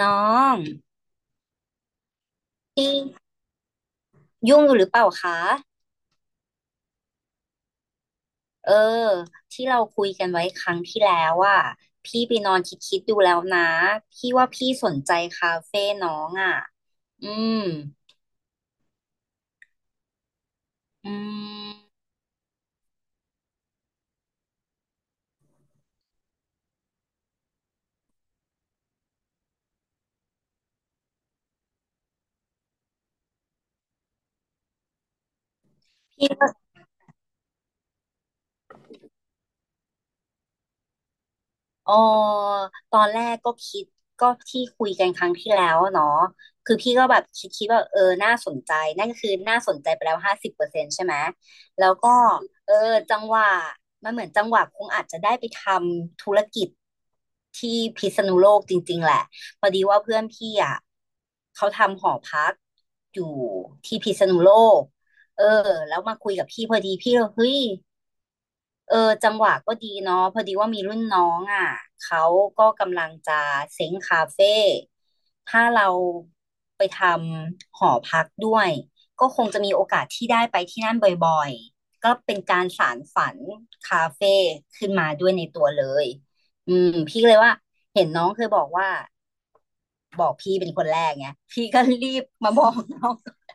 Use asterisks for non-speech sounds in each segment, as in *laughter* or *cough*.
น้องพี่ยุ่งอยู่หรือเปล่าคะ เออที่เราคุยกันไว้ครั้งที่แล้วอ่ะพี่ไปนอนคิดดูแล้วนะพี่ว่าพี่สนใจคาเฟ่น้องอ่ะ อืมอืมพี่ เออตอนแรกก็คิดก็ที่คุยกันครั้งที่แล้วเนาะคือพี่ก็แบบคิดว่าน่าสนใจนั่นก็คือน่าสนใจไปแล้วห้าสิบเปอร์เซ็นต์ใช่ไหมแล้วก็เออจังหวะมันเหมือนจังหวะคงอาจจะได้ไปทำธุรกิจที่พิษณุโลกจริงๆแหละพอดีว่าเพื่อนพี่อ่ะเขาทำหอพักอยู่ที่พิษณุโลกเออแล้วมาคุยกับพี่พอดีพี่ก็เฮ้ย เออจังหวะก็ดีเนาะพอดีว่ามีรุ่นน้องอ่ะเขาก็กำลังจะเซ้งคาเฟ่ถ้าเราไปทำหอพักด้วยก็คงจะมีโอกาสที่ได้ไปที่นั่นบ่อยๆก็เป็นการสานฝันคาเฟ่ขึ้นมาด้วยในตัวเลยพี่ก็เลยว่าเห็นน้องเคยบอกว่าบอกพี่เป็นคนแรกไงพี่ก็รีบมาบอกน้อง *laughs*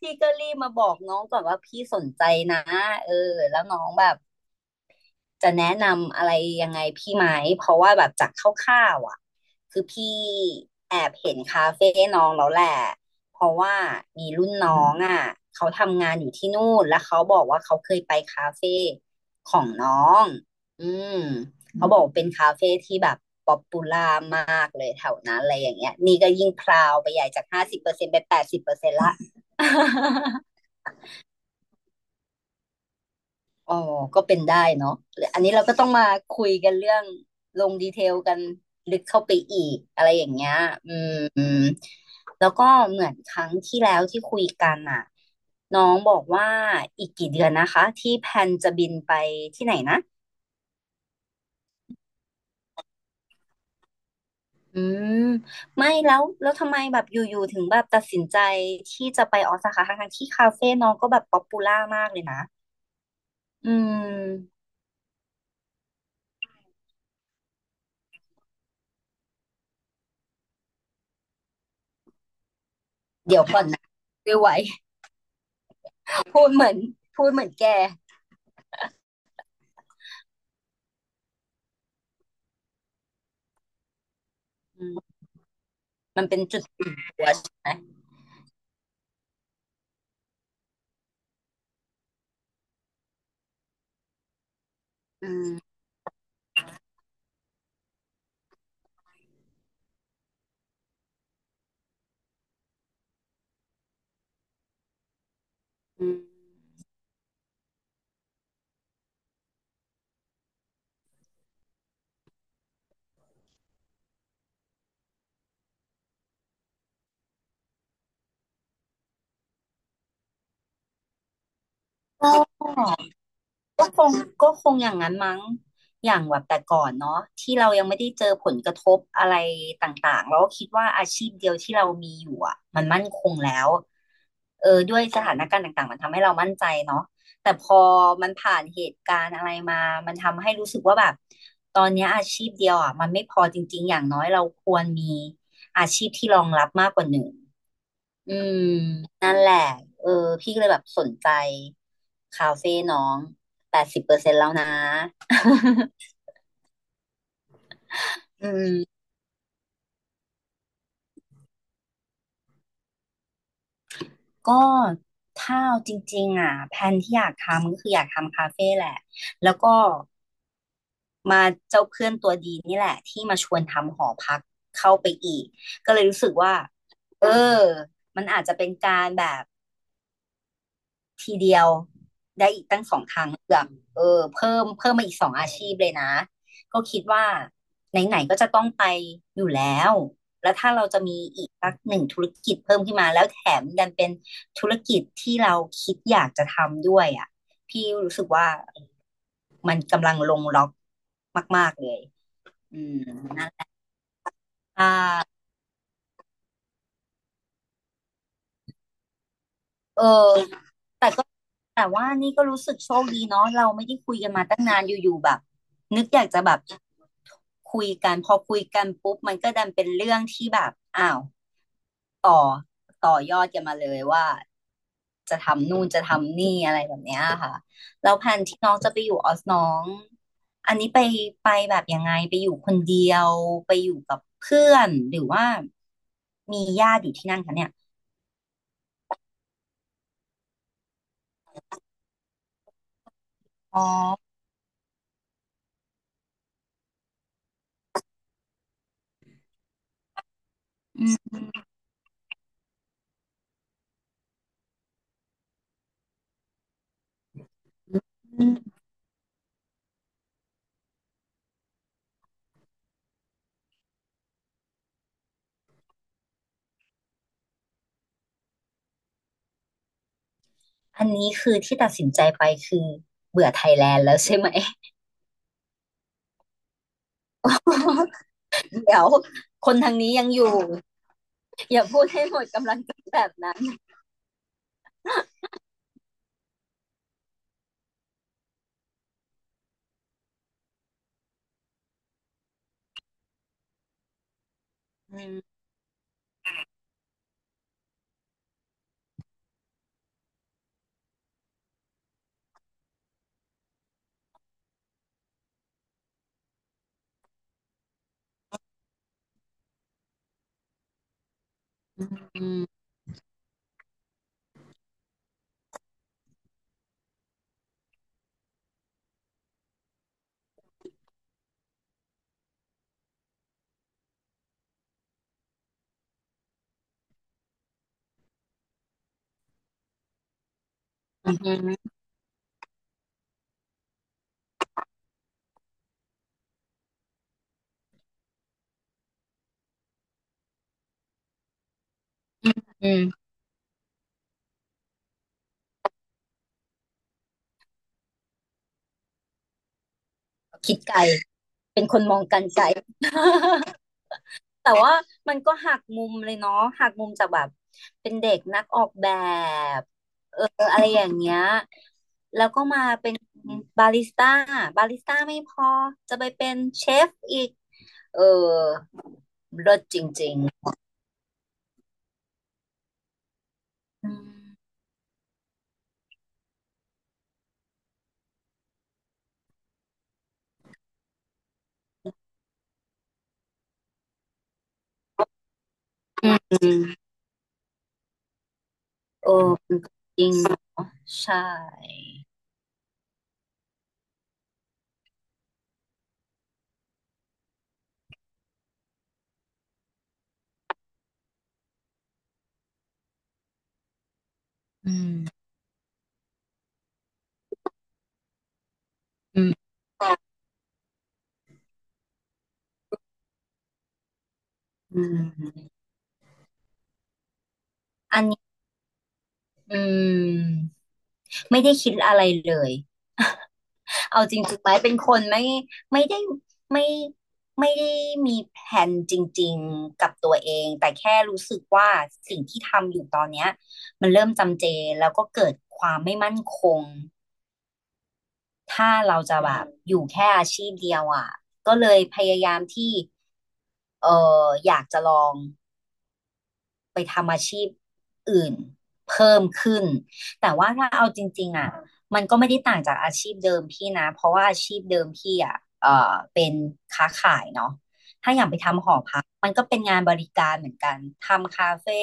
พี่ก็รีบมาบอกน้องก่อนว่าพี่สนใจนะเออแล้วน้องแบบ จะแนะนำอะไรยังไงพี่ไหมเพราะว่าแบบจากคร่าวๆอ่ะคือพี่แอบเห็นคาเฟ่น้องแล้วแหละเพราะว่ามีรุ่นน้องอ่ะเขาทำงานอยู่ที่นู่นแล้วเขาบอกว่าเขาเคยไปคาเฟ่ของน้องอืมเขาบอกว่าเป็นคาเฟ่ที่แบบป๊อปปูล่ามากเลยแถวนั้นอะไรอย่างเงี้ยนี่ก็ยิ่งพราวไปใหญ่จากห้าสิบเปอร์เซ็นต์ไปนแปดสิบเปอร์เซ็นต์ละ อ๋อก็เป็นได้เนาะอันนี้เราก็ต้องมาคุยกันเรื่องลงดีเทลกันลึกเข้าไปอีกอะไรอย่างเงี้ยอืมอืมแล้วก็เหมือนครั้งที่แล้วที่คุยกันอ่ะน้องบอกว่าอีกกี่เดือนนะคะที่แพลนจะบินไปที่ไหนนะ อืม ไม่แล้ว แล้วทำไมแบบอยู่ๆถึงแบบตัดสินใจที่จะไปออสคาทั้งๆที่คาเฟ่น้องก็แบบป๊อปปูล่ามากเลยนะ อืม เดี๋ยวก่อนนะดูไว้ *laughs* พูดเหมือนพูดเหมือนแก มันเป็นจุดหัวใช่ไหมอืมอืมก็ก็คงก็คงอย่างนั้นมั้งอย่างแบบแต่ก่อนเนาะที่เรายังไม่ได้เจอผลกระทบอะไรต่างๆเราก็คิดว่าอาชีพเดียวที่เรามีอยู่อ่ะมันมั่นคงแล้วด้วยสถานการณ์ต่างๆมันทำให้เรามั่นใจเนาะแต่พอมันผ่านเหตุการณ์อะไรมามันทำให้รู้สึกว่าแบบตอนเนี้ยอาชีพเดียวอ่ะมันไม่พอจริงๆอย่างน้อยเราควรมีอาชีพที่รองรับมากกว่าหนึ่ง อืมนั่นแหละเออพี่ก็เลยแบบสนใจคาเฟ่น้องแปดสิบเปอร์เซ็นต์แล้วนะ *laughs* ก็ถ้าเอาจริงๆอ่ะแพลนที่อยากทำก็คืออยากทำคาเฟ่แหละแล้วก็มาเจ้าเพื่อนตัวดีนี่แหละที่มาชวนทำหอพักเข้าไปอีกก็เลยรู้สึกว่าเออมันอาจจะเป็นการแบบทีเดียว เออเพิ่มมาอีกสองอาชีพเลยนะก็คิดว่าไหนๆก็จะต้องไปอยู่แล้วแล้วถ้าเราจะมีอีกสักหนึ่งธุรกิจเพิ่มขึ้นมาแล้วแถมดันเป็นธุรกิจที่เราคิดอยากจะทำด้วยอ่ะพี่รู้สึกว่ามันกำลังลงล็อกมากๆเลยอืมอ่าเออแต่ แต่ว่านี่ก็รู้สึกโชคดีเนาะเราไม่ได้คุยกันมาตั้งนานอยู่ๆแบบนึกอยากจะแบบคุยกันพอคุยกันปุ๊บมันก็ดันเป็นเรื่องที่แบบอ้าวต่อต่อยอดกันมาเลยว่าจะทำนู่นจะทำนี่อะไรแบบเนี้ยค่ะแล้วแผนที่น้องจะไปอยู่ออสน้องอันนี้ไปแบบยังไงไปอยู่คนเดียวไปอยู่กับเพื่อนหรือว่ามีญาติอยู่ที่นั่นคะเนี่ยอ๋ออืม อันนี้คือที่ตัดสินใจไปคือเบื่อไทยแลนด์แล้วใช่ไหม *laughs* เดี๋ยวคนทางนี้ยังอยู่อย่าพูดให้หมดกำลังใจแบบนั้นอืมอืมอืมอืมคิดไกลเป็นคนมองการไกล *laughs* แต่ว่ามันก็หักมุมเลยเนาะหักมุมจากแบบเป็นเด็กนักออกแบบอะไรอย่างเงี้ยแล้วก็มาเป็นบาริสต้าบาริสต้าไม่พอจะไปเป็นเชฟอีกเออเลิศจริง อืมอืมอืมโอ้มจริงเหรอใช่อืมอืมอืมอันนี้อืมไม่ได้คิดอะไรเลย *laughs* เอาจริงสุดท้ายเป็นคนไม่ได้ ไม่ไม่ได้มีแผนจริงๆกับตัวเอง แต่แค่รู้สึกว่าสิ่งที่ทำอยู่ตอนเนี้ยมันเริ่มจำเจแล้วก็เกิดความไม่มั่นคง ถ้าเราจะแบบอยู่แค่อาชีพเดียวอ่ะก็เลยพยายามที่เอออยากจะลอง ไปทำอาชีพอื่นเพิ่มขึ้นแต่ว่าถ้าเอาจริงๆอ่ะมันก็ไม่ได้ต่างจากอาชีพเดิมพี่นะเพราะว่าอาชีพเดิมพี่อ่ะเป็นค้าขายเนาะถ้าอย่างไปทำหอพักมันก็เป็นงานบริการเหมือนกันทำคาเฟ่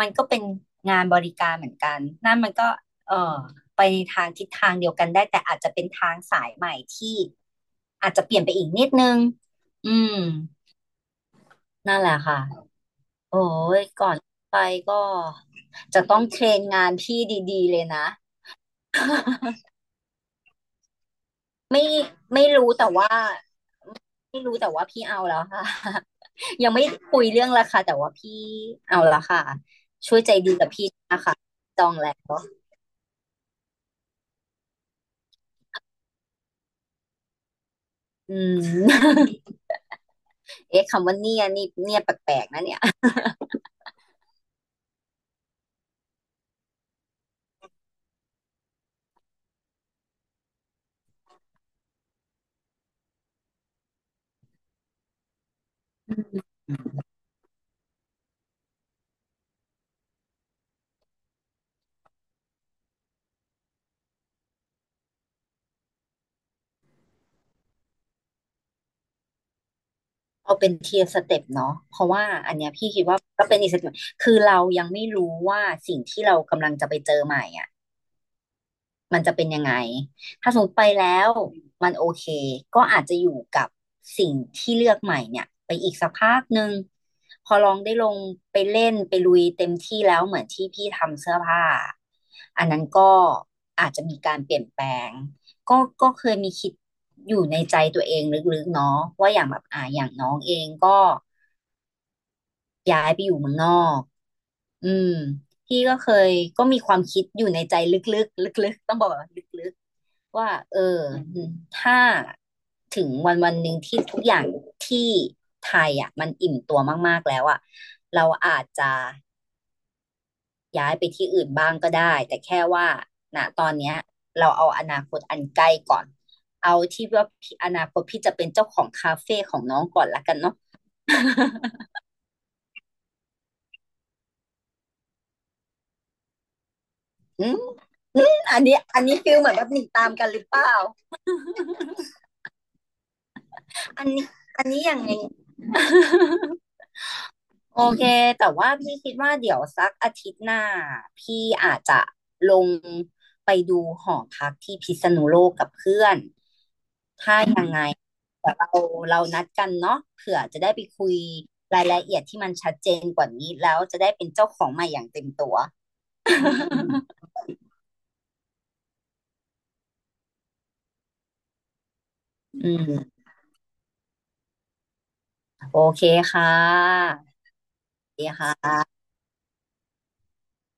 มันก็เป็นงานบริการเหมือนกันนั่นมันก็เออไปในทางทิศทางเดียวกันได้แต่อาจจะเป็นทางสายใหม่ที่อาจจะเปลี่ยนไปอีกนิดนึงอืมนั่นแหละค่ะ โอ้ยก่อนไปก็จะต้องเทรนงานพี่ดีๆเลยนะ *laughs* ไม่ไม่รู้แต่ว่าพี่เอาแล้วค่ะ *laughs* ยังไม่คุยเรื่องราคาแต่ว่าพี่เอาแล้วค่ะช่วยใจดีกับพี่นะคะจองแล้วอืม *laughs* เอ๊ะคำว่าเนี่ยนี่เนี่ยแปลกๆนะเนี่ยเอาเป็นเทียร์สเต็ปเนาะเพราะว่าอันเนี้ยพี่คิดว่าก็เป็นอีกสเต็ปคือเรายังไม่รู้ว่าสิ่งที่เรากำลังจะไปเจอใหม่อ่ะ มันจะเป็นยังไง ถ้าสมมติไปแล้วมันโอเค ก็อาจจะอยู่กับสิ่งที่เลือกใหม่เนี่ยไปอีกสักพักหนึ่ง พอลองได้ลงไปเล่นไปลุยเต็มที่แล้วเหมือนที่พี่ทำเสื้อผ้า อันนั้นก็อาจจะมีการเปลี่ยนแปลง ก็เคยมีคิดอยู่ในใจตัวเองลึกๆเนาะว่าอย่างแบบอย่างน้องเองก็ ย้ายไปอยู่เมืองนอก อืมพี่ก็เคยก็มีความคิดอยู่ในใจลึกๆลึกๆต้องบอกว่าลึกๆว่าถ้าถึงวันหนึ่งที่ทุกอย่างที่ไทยอ่ะมันอิ่มตัวมากๆแล้วอ่ะเราอาจจะย้ายไปที่อื่นบ้างก็ได้แต่แค่ว่าณตอนเนี้ยเราเอาอนาคตอันใกล้ก่อนเอาที่ว่าพี่อนาคตพี่จะเป็นเจ้าของคาเฟ่ของน้องก่อนละกันเนาะ *laughs* อืม *laughs* อันนี้ฟิลเหมือนแบบหนีตามกันหรือเปล่าอันนี้อันนี้อย่างไง *laughs* โอเคแต่ว่าพี่คิดว่าเดี๋ยวสักอาทิตย์หน้าพี่อาจจะลงไปดูหอพักที่พิษณุโลกกับเพื่อนถ้ายังไงแต่เรานัดกันเนาะเผื่อจะได้ไปคุยรายละเอียดที่มันชัดเจนกว่านี้แล้วจะได้เป็นเจ้าของใหม่อย่างเต็มตัว *laughs* อืมโอเคค่ะดีค่ะ